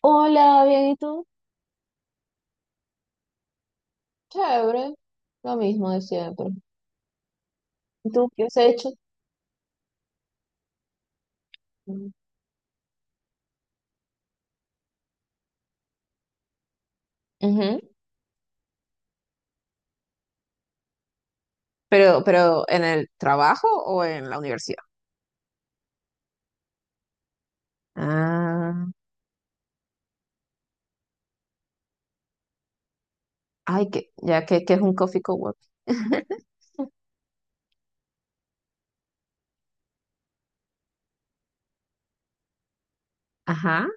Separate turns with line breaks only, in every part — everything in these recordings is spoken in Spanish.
Hola, bien, ¿y tú? Chévere, lo mismo de siempre. ¿Y tú qué has hecho? Mm. Ujú. Pero ¿en el trabajo o en la universidad? Ah, ay, que ya que es un coffee cowork. Ajá.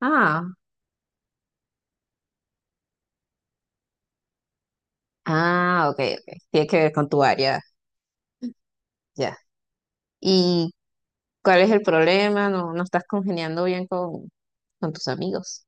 Ah, ah, ok, ok. Tiene que ver con tu área, ya. ¿Y cuál es el problema? No, no estás congeniando bien con tus amigos.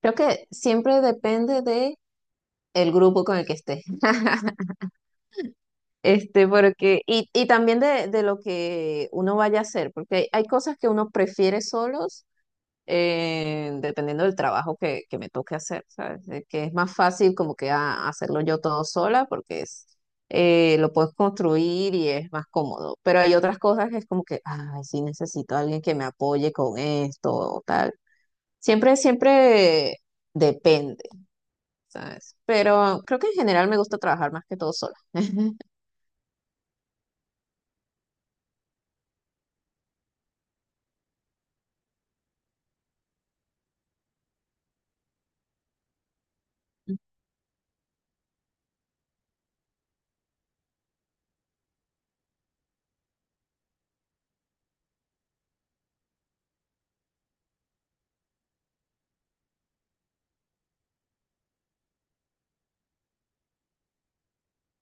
Creo que siempre depende de el grupo con el que estés. Porque, y también de lo que uno vaya a hacer, porque hay cosas que uno prefiere solos, dependiendo del trabajo que me toque hacer, ¿sabes? De que es más fácil como que hacerlo yo todo sola, porque es, lo puedes construir y es más cómodo. Pero hay otras cosas que es como que, ay, sí necesito a alguien que me apoye con esto o tal. Siempre, siempre depende, ¿sabes? Pero creo que en general me gusta trabajar más que todo sola.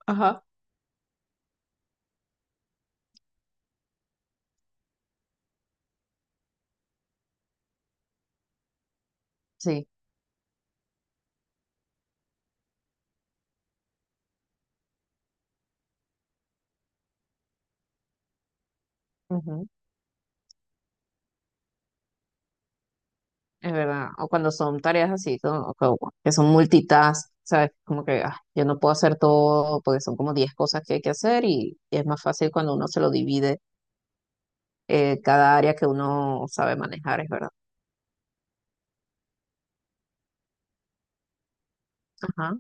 Ajá. Sí, ujú. Es verdad. O cuando son tareas así, como que son multitask, ¿sabes? Como que yo no puedo hacer todo porque son como 10 cosas que hay que hacer y es más fácil cuando uno se lo divide cada área que uno sabe manejar, es verdad. Ajá,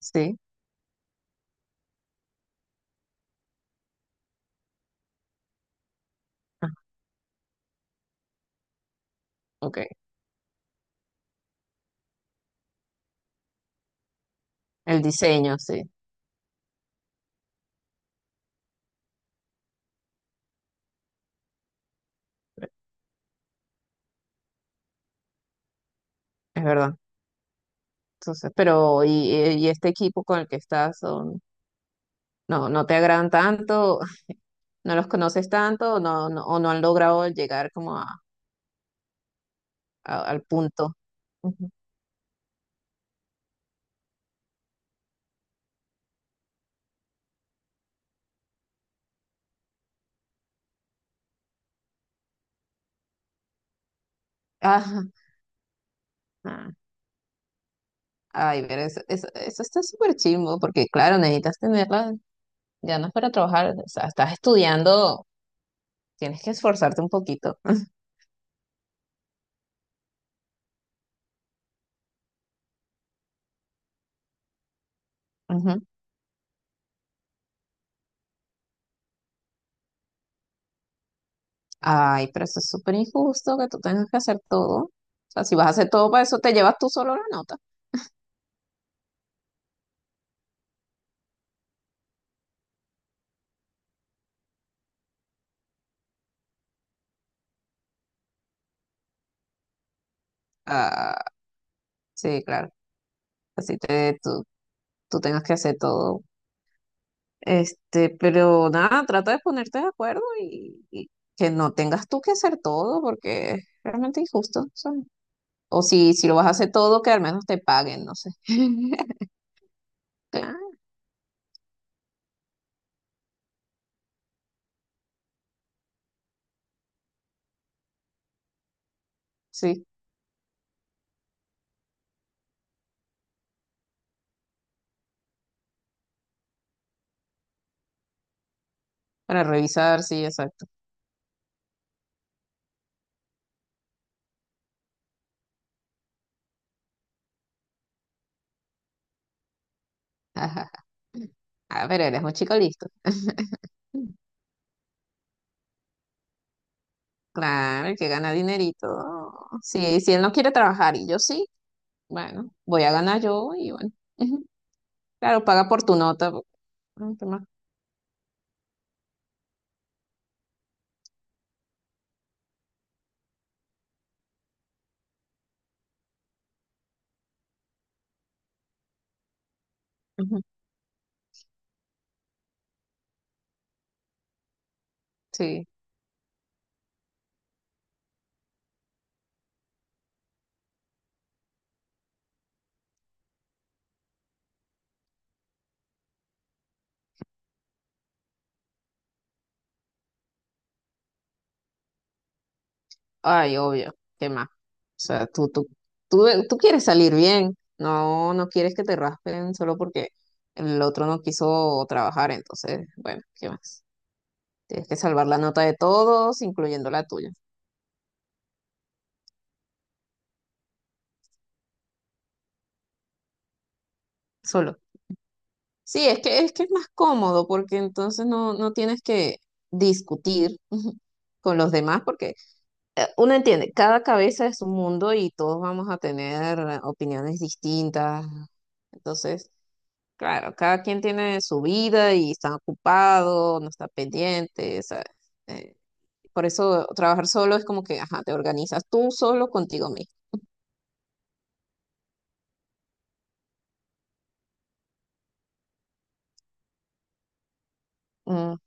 sí. Ah, ok. El diseño, sí. Es verdad. Entonces, pero y este equipo con el que estás son, no, no te agradan tanto, no los conoces tanto, o no, no, o no han logrado llegar como a, al punto. Ujú. Ah, ah, ay, pero eso está súper chimbo, porque claro, necesitas tenerla. Ya no es para trabajar, o sea, estás estudiando, tienes que esforzarte un poquito. Ujú. Ay, pero eso es súper injusto que tú tengas que hacer todo. O sea, si vas a hacer todo para eso, te llevas tú solo la nota. Ah, sí, claro. Así tú tengas que hacer todo. Pero nada, trata de ponerte de acuerdo y que no tengas tú que hacer todo porque es realmente injusto, ¿sabes? O si lo vas a hacer todo, que al menos te paguen, no sé. Claro, sí, para revisar, sí, exacto. Ajá. Ah, pero eres un chico listo. Claro, el que gana dinerito. Sí, si él no quiere trabajar y yo sí, bueno, voy a ganar yo y bueno. Ujú. Claro, paga por tu nota. Po. ¿Qué más? Ujú. Sí. Ay, obvio. ¿Qué más? O sea, tú quieres salir bien. No, no quieres que te raspen solo porque el otro no quiso trabajar. Entonces, bueno, ¿qué más? Tienes que salvar la nota de todos, incluyendo la tuya. Solo. Sí, es que es más cómodo porque entonces no, no tienes que discutir con los demás porque uno entiende, cada cabeza es un mundo y todos vamos a tener opiniones distintas. Entonces, claro, cada quien tiene su vida y está ocupado, no está pendiente, ¿sabes? Eh, por eso trabajar solo es como que, ajá, te organizas tú solo contigo mismo. Ujú.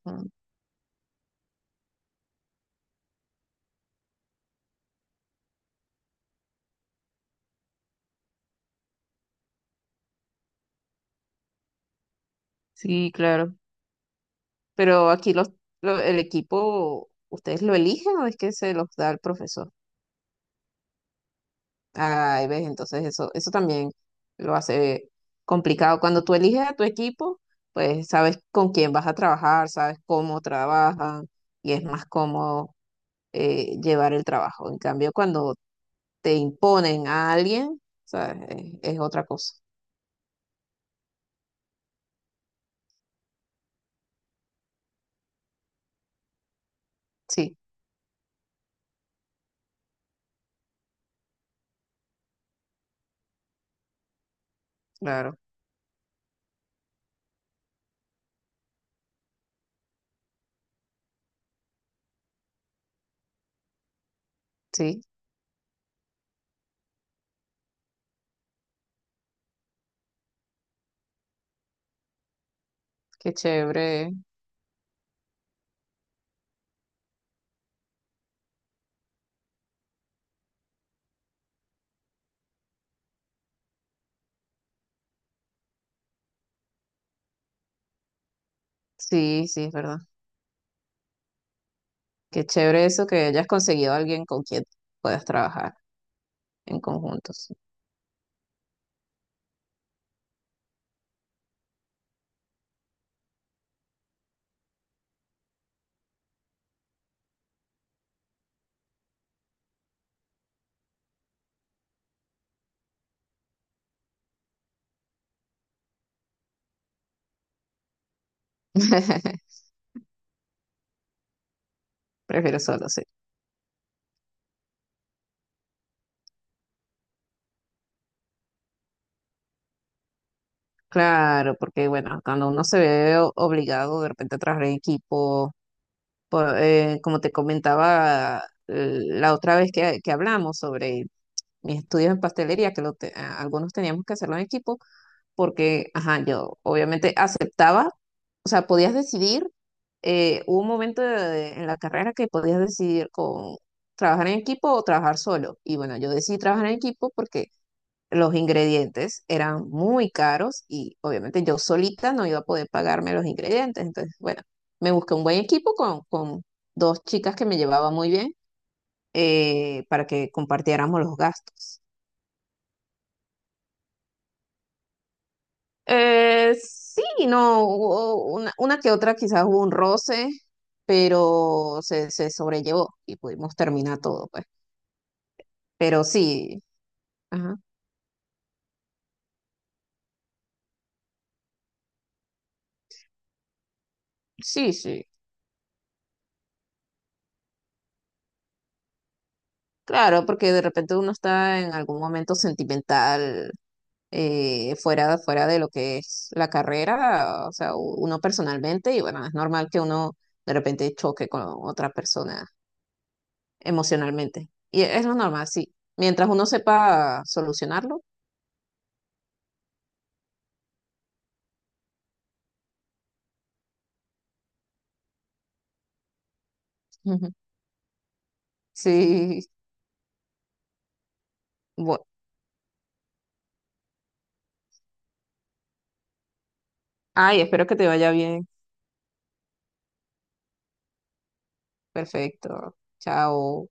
Sí, claro. Pero aquí el equipo, ¿ustedes lo eligen o es que se los da el profesor? Ay, ves, entonces eso también lo hace complicado. Cuando tú eliges a tu equipo, pues sabes con quién vas a trabajar, sabes cómo trabajan y es más cómodo llevar el trabajo. En cambio, cuando te imponen a alguien, ¿sabes? Es otra cosa. Sí, claro, sí, qué chévere. Sí, sí, es verdad. Qué chévere eso que hayas conseguido a alguien con quien puedas trabajar. En conjuntos. Prefiero solo, sí. Claro, porque bueno, cuando uno se ve obligado de repente a trabajar en equipo, como te comentaba la otra vez que hablamos sobre mis estudios en pastelería, que algunos teníamos que hacerlo en equipo, porque, ajá, yo obviamente aceptaba, o sea, podías decidir, hubo un momento en la carrera que podías decidir con trabajar en equipo o trabajar solo. Y bueno, yo decidí trabajar en equipo porque los ingredientes eran muy caros y obviamente yo solita no iba a poder pagarme los ingredientes. Entonces, bueno, me busqué un buen equipo con dos chicas que me llevaba muy bien, para que compartiéramos los gastos. Sí, no, hubo una que otra quizás hubo un roce, pero se sobrellevó y pudimos terminar todo, pues. Pero sí, ajá, sí, sí. Claro, porque de repente uno está en algún momento sentimental, fuera de lo que es la carrera, o sea, uno personalmente, y bueno, es normal que uno de repente choque con otra persona emocionalmente. Y es lo normal, sí. Mientras uno sepa solucionarlo. Ujú. Sí. bu- Ay, espero que te vaya bien. Perfecto. Chao.